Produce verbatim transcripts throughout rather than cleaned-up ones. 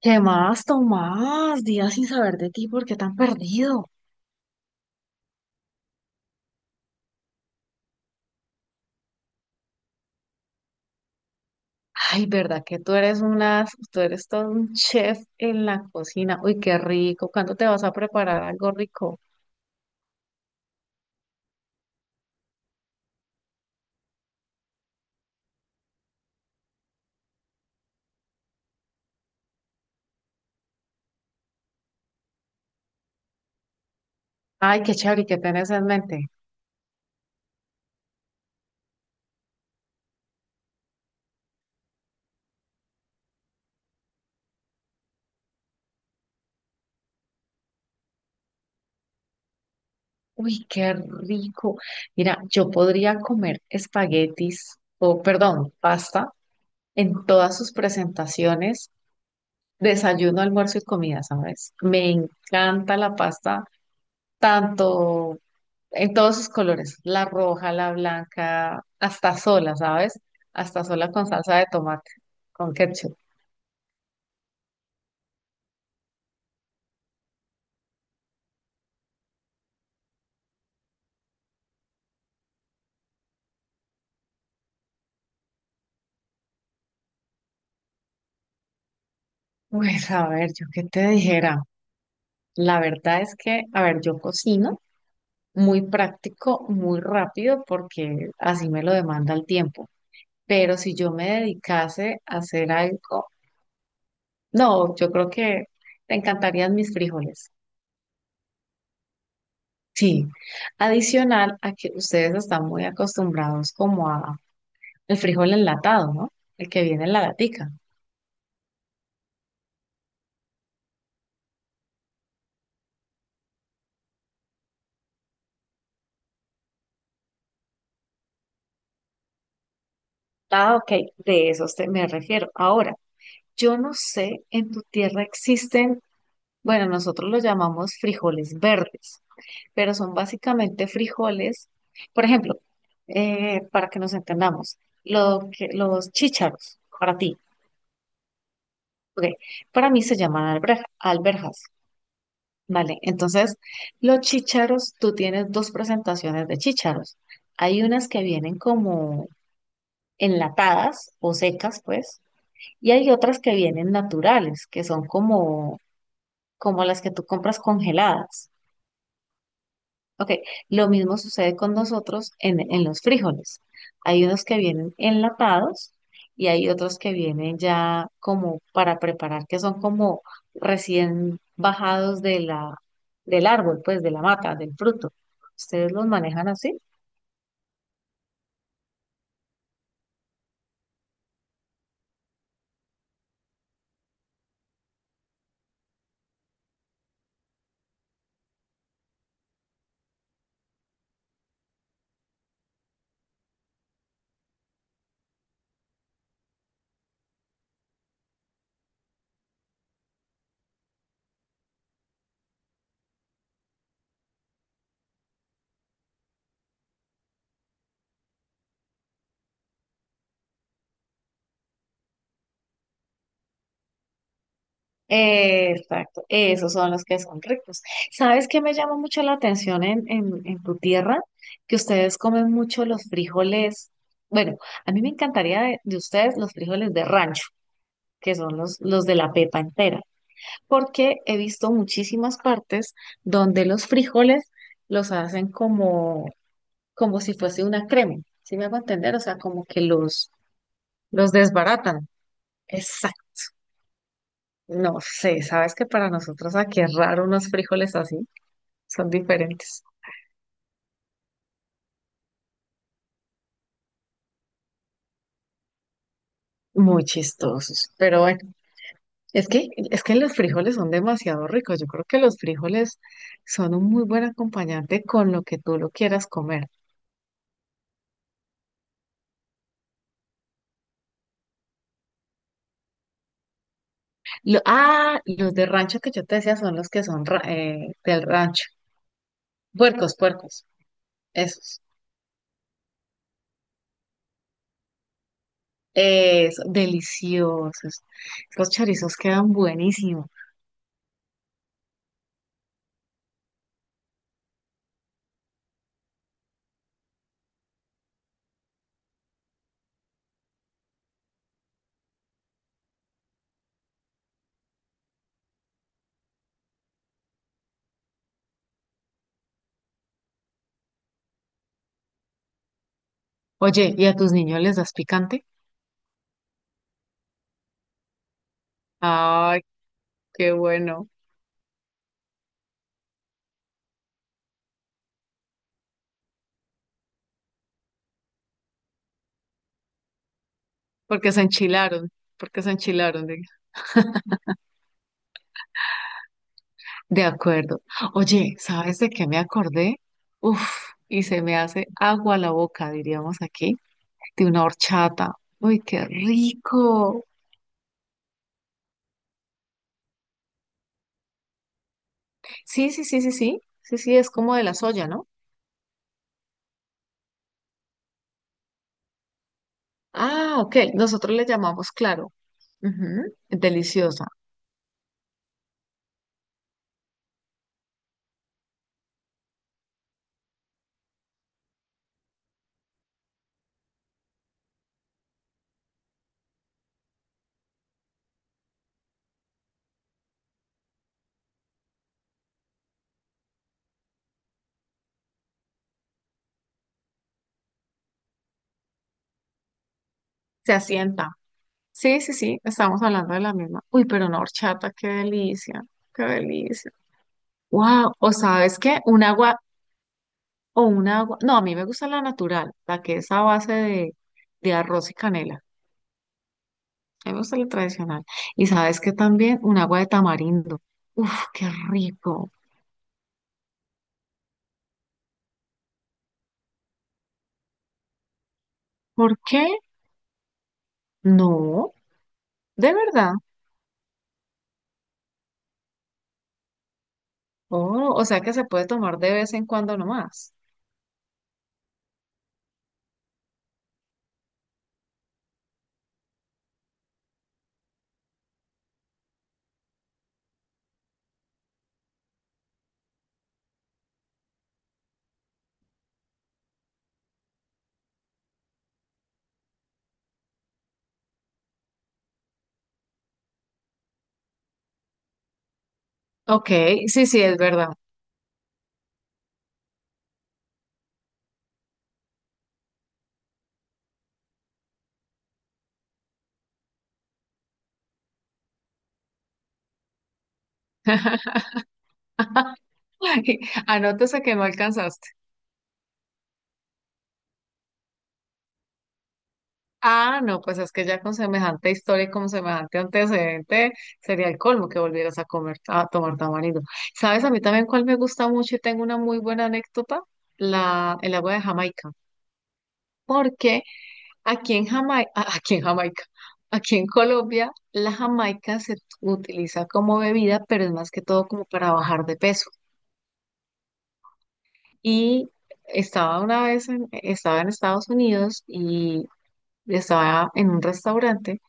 ¿Qué más, Tomás? Días sin saber de ti, ¿por qué tan perdido? Ay, ¿verdad que tú eres una, tú eres todo un chef en la cocina? Uy, qué rico. ¿Cuándo te vas a preparar algo rico? Ay, qué chévere, ¿y ¿qué tienes en mente? Uy, qué rico. Mira, yo podría comer espaguetis o, perdón, pasta en todas sus presentaciones, desayuno, almuerzo y comida, ¿sabes? Me encanta la pasta tanto en todos sus colores, la roja, la blanca, hasta sola, ¿sabes? Hasta sola con salsa de tomate, con ketchup. Pues a ver, yo qué te dijera. La verdad es que, a ver, yo cocino muy práctico, muy rápido, porque así me lo demanda el tiempo. Pero si yo me dedicase a hacer algo, no, yo creo que te encantarían mis frijoles. Sí, adicional a que ustedes están muy acostumbrados como a el frijol enlatado, ¿no? El que viene en la latica. Ah, ok, de esos te- me refiero. Ahora, yo no sé, en tu tierra existen, bueno, nosotros los llamamos frijoles verdes, pero son básicamente frijoles, por ejemplo, eh, para que nos entendamos, lo que, los chícharos, para ti, ok, para mí se llaman alber- alberjas, ¿vale? Entonces, los chícharos, tú tienes dos presentaciones de chícharos. Hay unas que vienen como enlatadas o secas, pues, y hay otras que vienen naturales, que son como, como las que tú compras congeladas. Ok, lo mismo sucede con nosotros en, en los frijoles. Hay unos que vienen enlatados y hay otros que vienen ya como para preparar, que son como recién bajados de la, del árbol, pues de la mata, del fruto. ¿Ustedes los manejan así? Exacto, esos son los que son ricos. ¿Sabes qué me llama mucho la atención en, en, en tu tierra? Que ustedes comen mucho los frijoles. Bueno, a mí me encantaría de, de ustedes los frijoles de rancho, que son los, los de la pepa entera, porque he visto muchísimas partes donde los frijoles los hacen como, como si fuese una crema. ¿Sí me hago entender? O sea, como que los, los desbaratan. Exacto. No sé, sabes que para nosotros aquí es raro unos frijoles así. Son diferentes, muy chistosos. Pero bueno, es que, es que los frijoles son demasiado ricos. Yo creo que los frijoles son un muy buen acompañante con lo que tú lo quieras comer. Lo- ah, los de rancho que yo te decía son los que son ra- eh, del rancho. Puercos, puercos, esos. Eh, deliciosos. Los chorizos quedan buenísimos. Oye, ¿y a tus niños les das picante? Ay, qué bueno, porque se enchilaron, porque se enchilaron. De acuerdo. Oye, ¿sabes de qué me acordé? Uf, y se me hace agua la boca, diríamos aquí, de una horchata. Uy, qué rico. Sí, sí, sí, sí, sí. Sí, sí, es como de la soya, ¿no? Ah, ok. Nosotros le llamamos claro. Ujú, deliciosa. Se asienta. Sí, sí, sí. Estamos hablando de la misma. Uy, pero una horchata, qué delicia. Qué delicia. Wow. ¿O sabes qué? Un agua, O una agua. No, a mí me gusta la natural, la que es a base de, de arroz y canela. A mí me gusta la tradicional. Y sabes que también un agua de tamarindo. Uf, qué rico. ¿Por qué? No, de verdad. Oh, o sea que se puede tomar de vez en cuando nomás. Ok, sí, sí, es verdad. Anótese que no alcanzaste. Ah, no, pues es que ya con semejante historia y con semejante antecedente sería el colmo que volvieras a comer, a tomar tamarindo. ¿Sabes? A mí también cuál me gusta mucho y tengo una muy buena anécdota, la, el agua de Jamaica. Porque aquí en Jamaica, aquí en Jamaica, aquí en Colombia, la Jamaica se utiliza como bebida, pero es más que todo como para bajar de peso. Y estaba una vez en, estaba en Estados Unidos y estaba en un restaurante.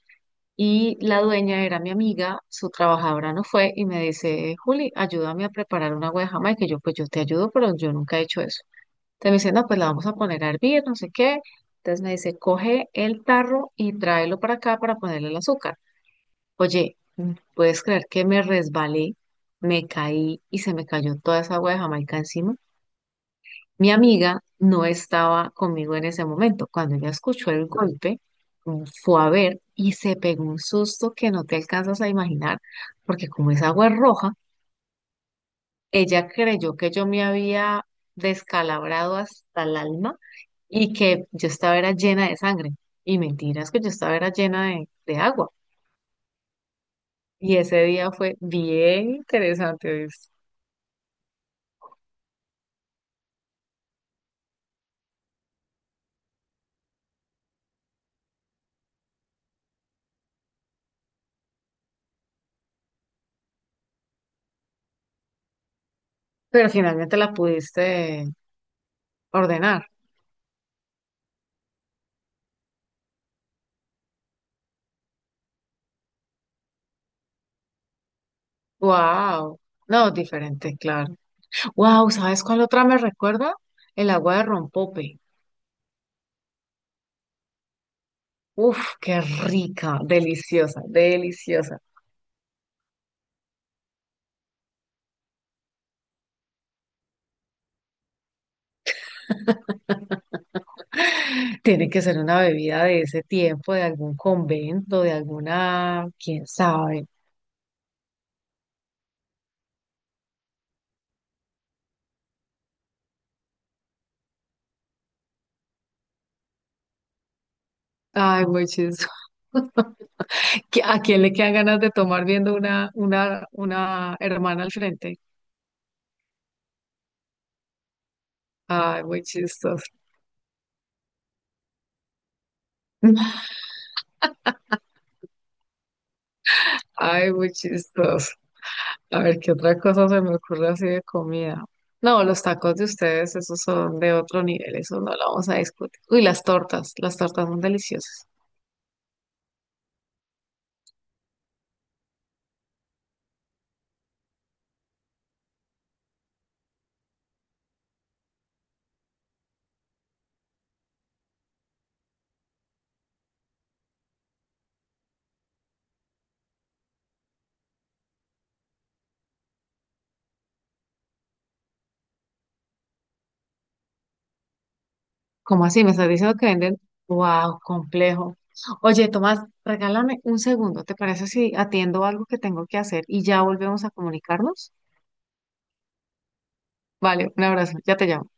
Y la dueña era mi amiga, su trabajadora no fue y me dice, Juli, ayúdame a preparar una agua de Jamaica. Y yo, pues yo te ayudo, pero yo nunca he hecho eso. Entonces me dice, no, pues la vamos a poner a hervir, no sé qué. Entonces me dice, coge el tarro y tráelo para acá para ponerle el azúcar. Oye, mm, ¿puedes creer que me resbalé, me caí y se me cayó toda esa agua de Jamaica encima? Mi amiga no estaba conmigo en ese momento. Cuando ella escuchó el golpe, mm, fue a ver y se pegó un susto que no te alcanzas a imaginar, porque como esa agua es roja, ella creyó que yo me había descalabrado hasta el alma y que yo estaba era llena de sangre. Y mentiras que yo estaba era llena de, de agua. Y ese día fue bien interesante, ¿viste? Pero finalmente la pudiste ordenar. ¡Wow! No, diferente, claro. Wow, ¿sabes cuál otra me recuerda? El agua de rompope. Uf, qué rica, deliciosa, deliciosa. Tiene que ser una bebida de ese tiempo, de algún convento, de alguna, quién sabe. Ay, muy chistoso. ¿Qui- ¿A quién le quedan ganas de tomar viendo una, una, una hermana al frente? Ay, muy chistoso. Ay, muy chistoso. A ver, ¿qué otra cosa se me ocurre así de comida? No, los tacos de ustedes, esos son de otro nivel, eso no lo vamos a discutir. Uy, las tortas, las tortas son deliciosas. ¿Cómo así? ¿Me estás diciendo que venden? Wow, complejo. Oye, Tomás, regálame un segundo, ¿te parece si atiendo algo que tengo que hacer y ya volvemos a comunicarnos? Vale, un abrazo, ya te llamo.